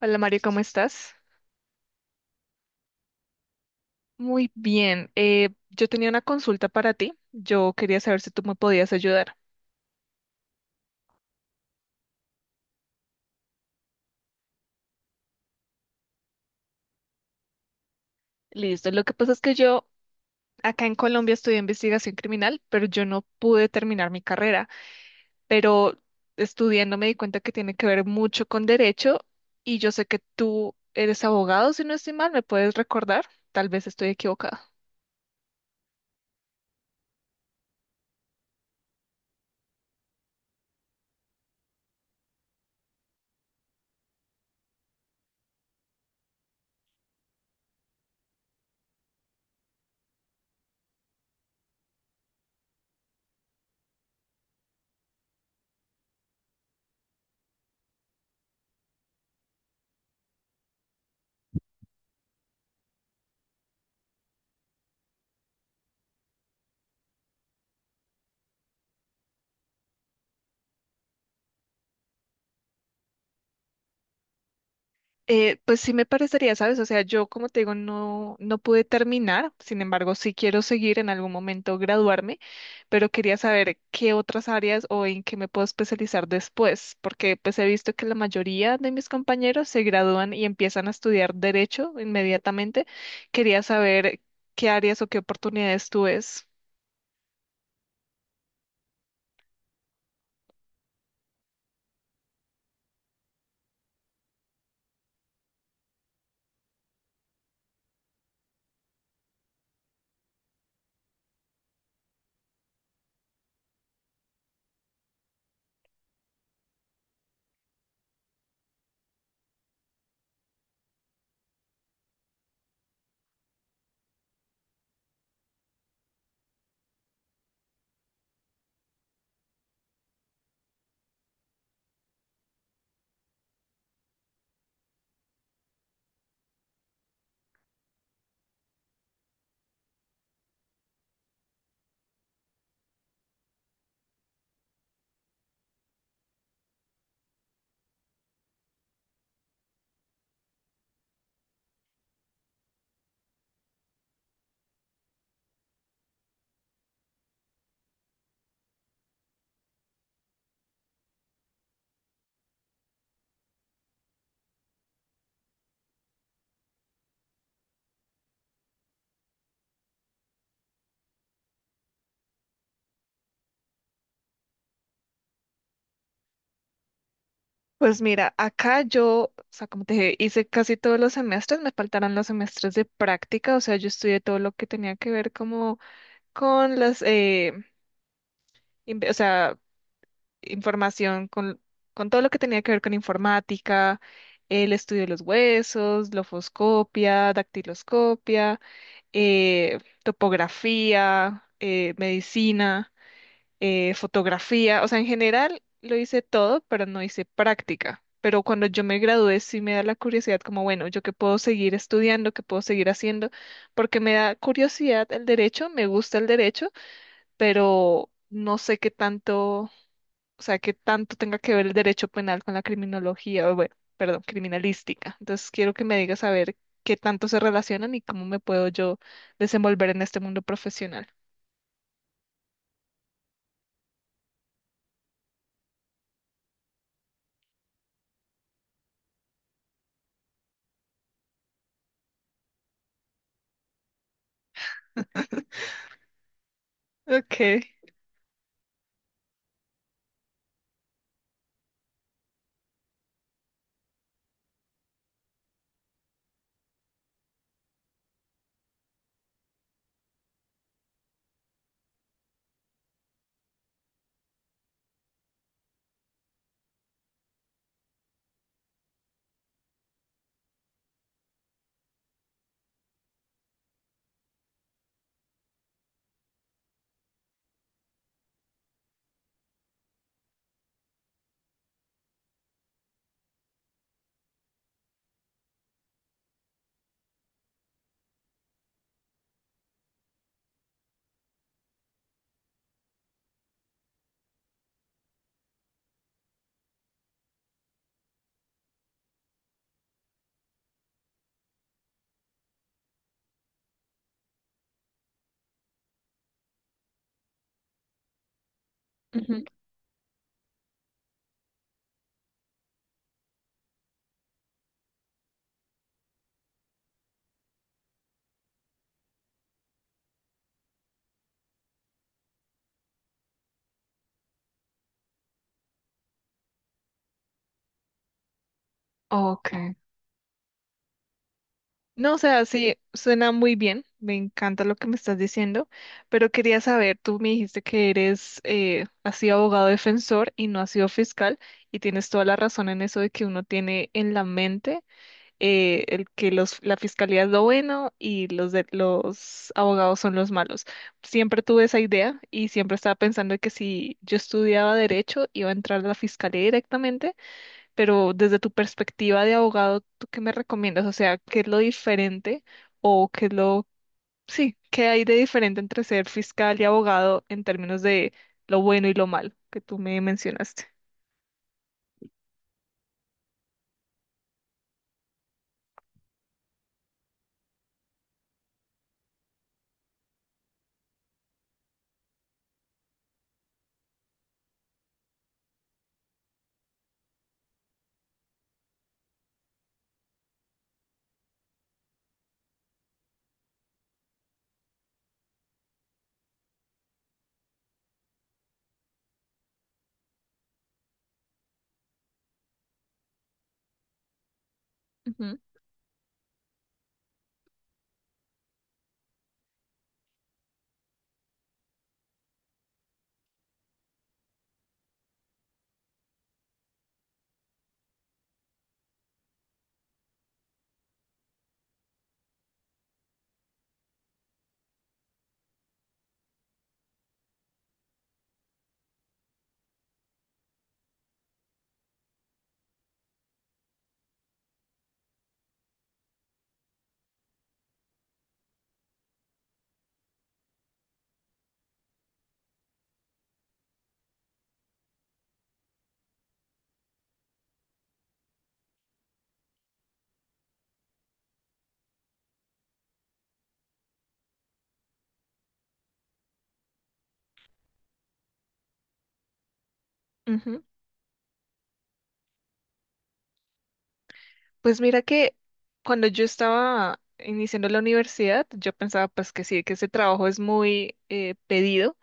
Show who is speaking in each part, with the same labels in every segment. Speaker 1: Hola, Mario, ¿cómo estás? Muy bien. Yo tenía una consulta para ti. Yo quería saber si tú me podías ayudar. Listo. Lo que pasa es que yo acá en Colombia estudié investigación criminal, pero yo no pude terminar mi carrera. Pero estudiando me di cuenta que tiene que ver mucho con derecho, y yo sé que tú eres abogado, si no estoy mal, ¿me puedes recordar? Tal vez estoy equivocada. Pues sí me parecería, ¿sabes? O sea, yo como te digo, no, no pude terminar, sin embargo, sí quiero seguir en algún momento graduarme, pero quería saber qué otras áreas o en qué me puedo especializar después, porque pues he visto que la mayoría de mis compañeros se gradúan y empiezan a estudiar derecho inmediatamente. Quería saber qué áreas o qué oportunidades tú ves. Pues mira, acá yo, o sea, como te dije, hice casi todos los semestres, me faltaron los semestres de práctica, o sea, yo estudié todo lo que tenía que ver como con las, o sea, información, con todo lo que tenía que ver con informática, el estudio de los huesos, lofoscopia, dactiloscopia, eh, topografía, medicina, fotografía, o sea, en general lo hice todo, pero no hice práctica. Pero cuando yo me gradué sí me da la curiosidad como, bueno, yo qué puedo seguir estudiando, qué puedo seguir haciendo, porque me da curiosidad el derecho, me gusta el derecho, pero no sé qué tanto, o sea, qué tanto tenga que ver el derecho penal con la criminología, o bueno, perdón, criminalística. Entonces quiero que me digas a ver qué tanto se relacionan y cómo me puedo yo desenvolver en este mundo profesional. Ok. Ujú. Ok. No, o sea, sí, suena muy bien, me encanta lo que me estás diciendo, pero quería saber, tú me dijiste que eres, has sido abogado defensor y no has sido fiscal, y tienes toda la razón en eso de que uno tiene en la mente el que los, la fiscalía es lo bueno y los, de, los abogados son los malos. Siempre tuve esa idea y siempre estaba pensando que si yo estudiaba derecho iba a entrar a la fiscalía directamente, pero desde tu perspectiva de abogado, ¿tú qué me recomiendas? O sea, ¿qué es lo diferente o qué es lo... Sí, ¿qué hay de diferente entre ser fiscal y abogado en términos de lo bueno y lo malo que tú me mencionaste? Ujú, ujú. Pues mira que cuando yo estaba iniciando la universidad, yo pensaba pues que sí, que ese trabajo es muy pedido.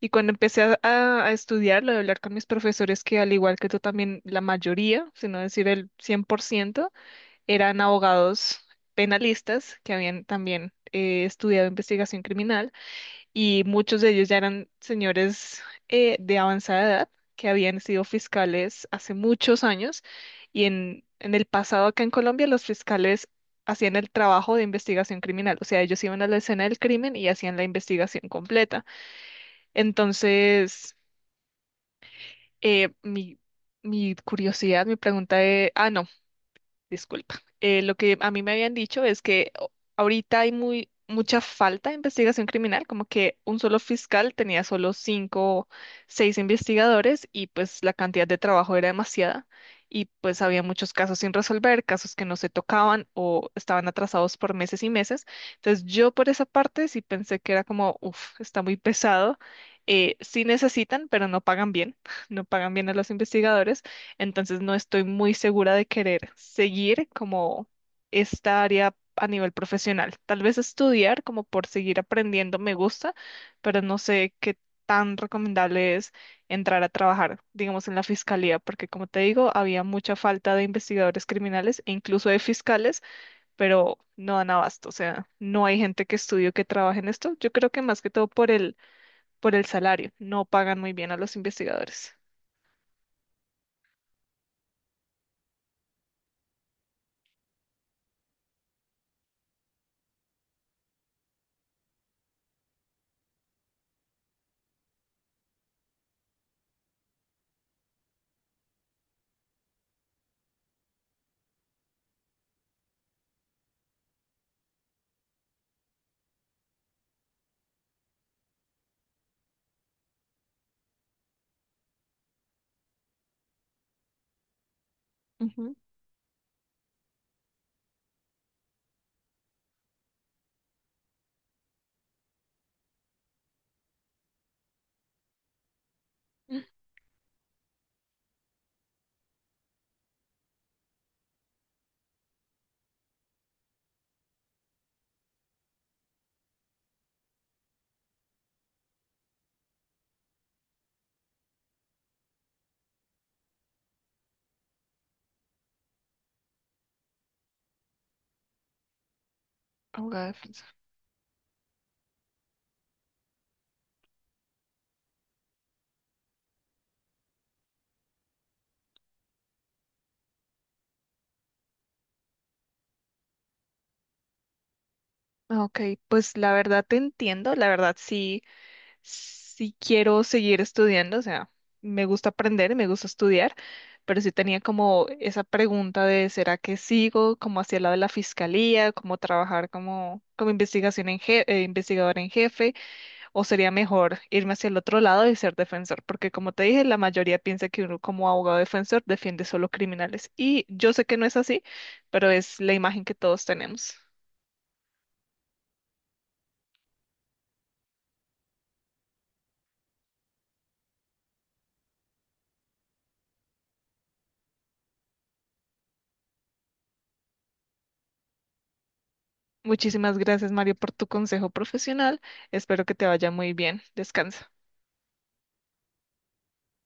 Speaker 1: Y cuando empecé a estudiar, lo de hablar con mis profesores, que al igual que tú también, la mayoría, si no decir el 100% eran abogados penalistas que habían también estudiado investigación criminal, y muchos de ellos ya eran señores de avanzada edad que habían sido fiscales hace muchos años, y en el pasado acá en Colombia los fiscales hacían el trabajo de investigación criminal, o sea, ellos iban a la escena del crimen y hacían la investigación completa. Entonces, eh, mi, mi curiosidad, mi pregunta es, ah, no. Disculpa. Lo que a mí me habían dicho es que ahorita hay muy, mucha falta de investigación criminal, como que un solo fiscal tenía solo 5, 6 investigadores y pues la cantidad de trabajo era demasiada y pues había muchos casos sin resolver, casos que no se tocaban o estaban atrasados por meses y meses. Entonces yo por esa parte sí pensé que era como, uff, está muy pesado. Sí necesitan, pero no pagan bien, no pagan bien a los investigadores. Entonces no estoy muy segura de querer seguir como esta área a nivel profesional. Tal vez estudiar como por seguir aprendiendo me gusta, pero no sé qué tan recomendable es entrar a trabajar, digamos, en la fiscalía, porque como te digo, había mucha falta de investigadores criminales e incluso de fiscales, pero no dan abasto, o sea, no hay gente que estudie o que trabaje en esto. Yo creo que más que todo por el salario, no pagan muy bien a los investigadores. Ujú. Abogada de defensa. Ah, ok, pues la verdad te entiendo, la verdad sí, sí quiero seguir estudiando, o sea, me gusta aprender, me gusta estudiar, pero sí tenía como esa pregunta de ¿será que sigo como hacia el lado de la fiscalía, como trabajar como, como investigador en jefe, o sería mejor irme hacia el otro lado y ser defensor? Porque como te dije, la mayoría piensa que uno como abogado defensor defiende solo criminales, y yo sé que no es así, pero es la imagen que todos tenemos. Muchísimas gracias, Mario, por tu consejo profesional. Espero que te vaya muy bien. Descansa.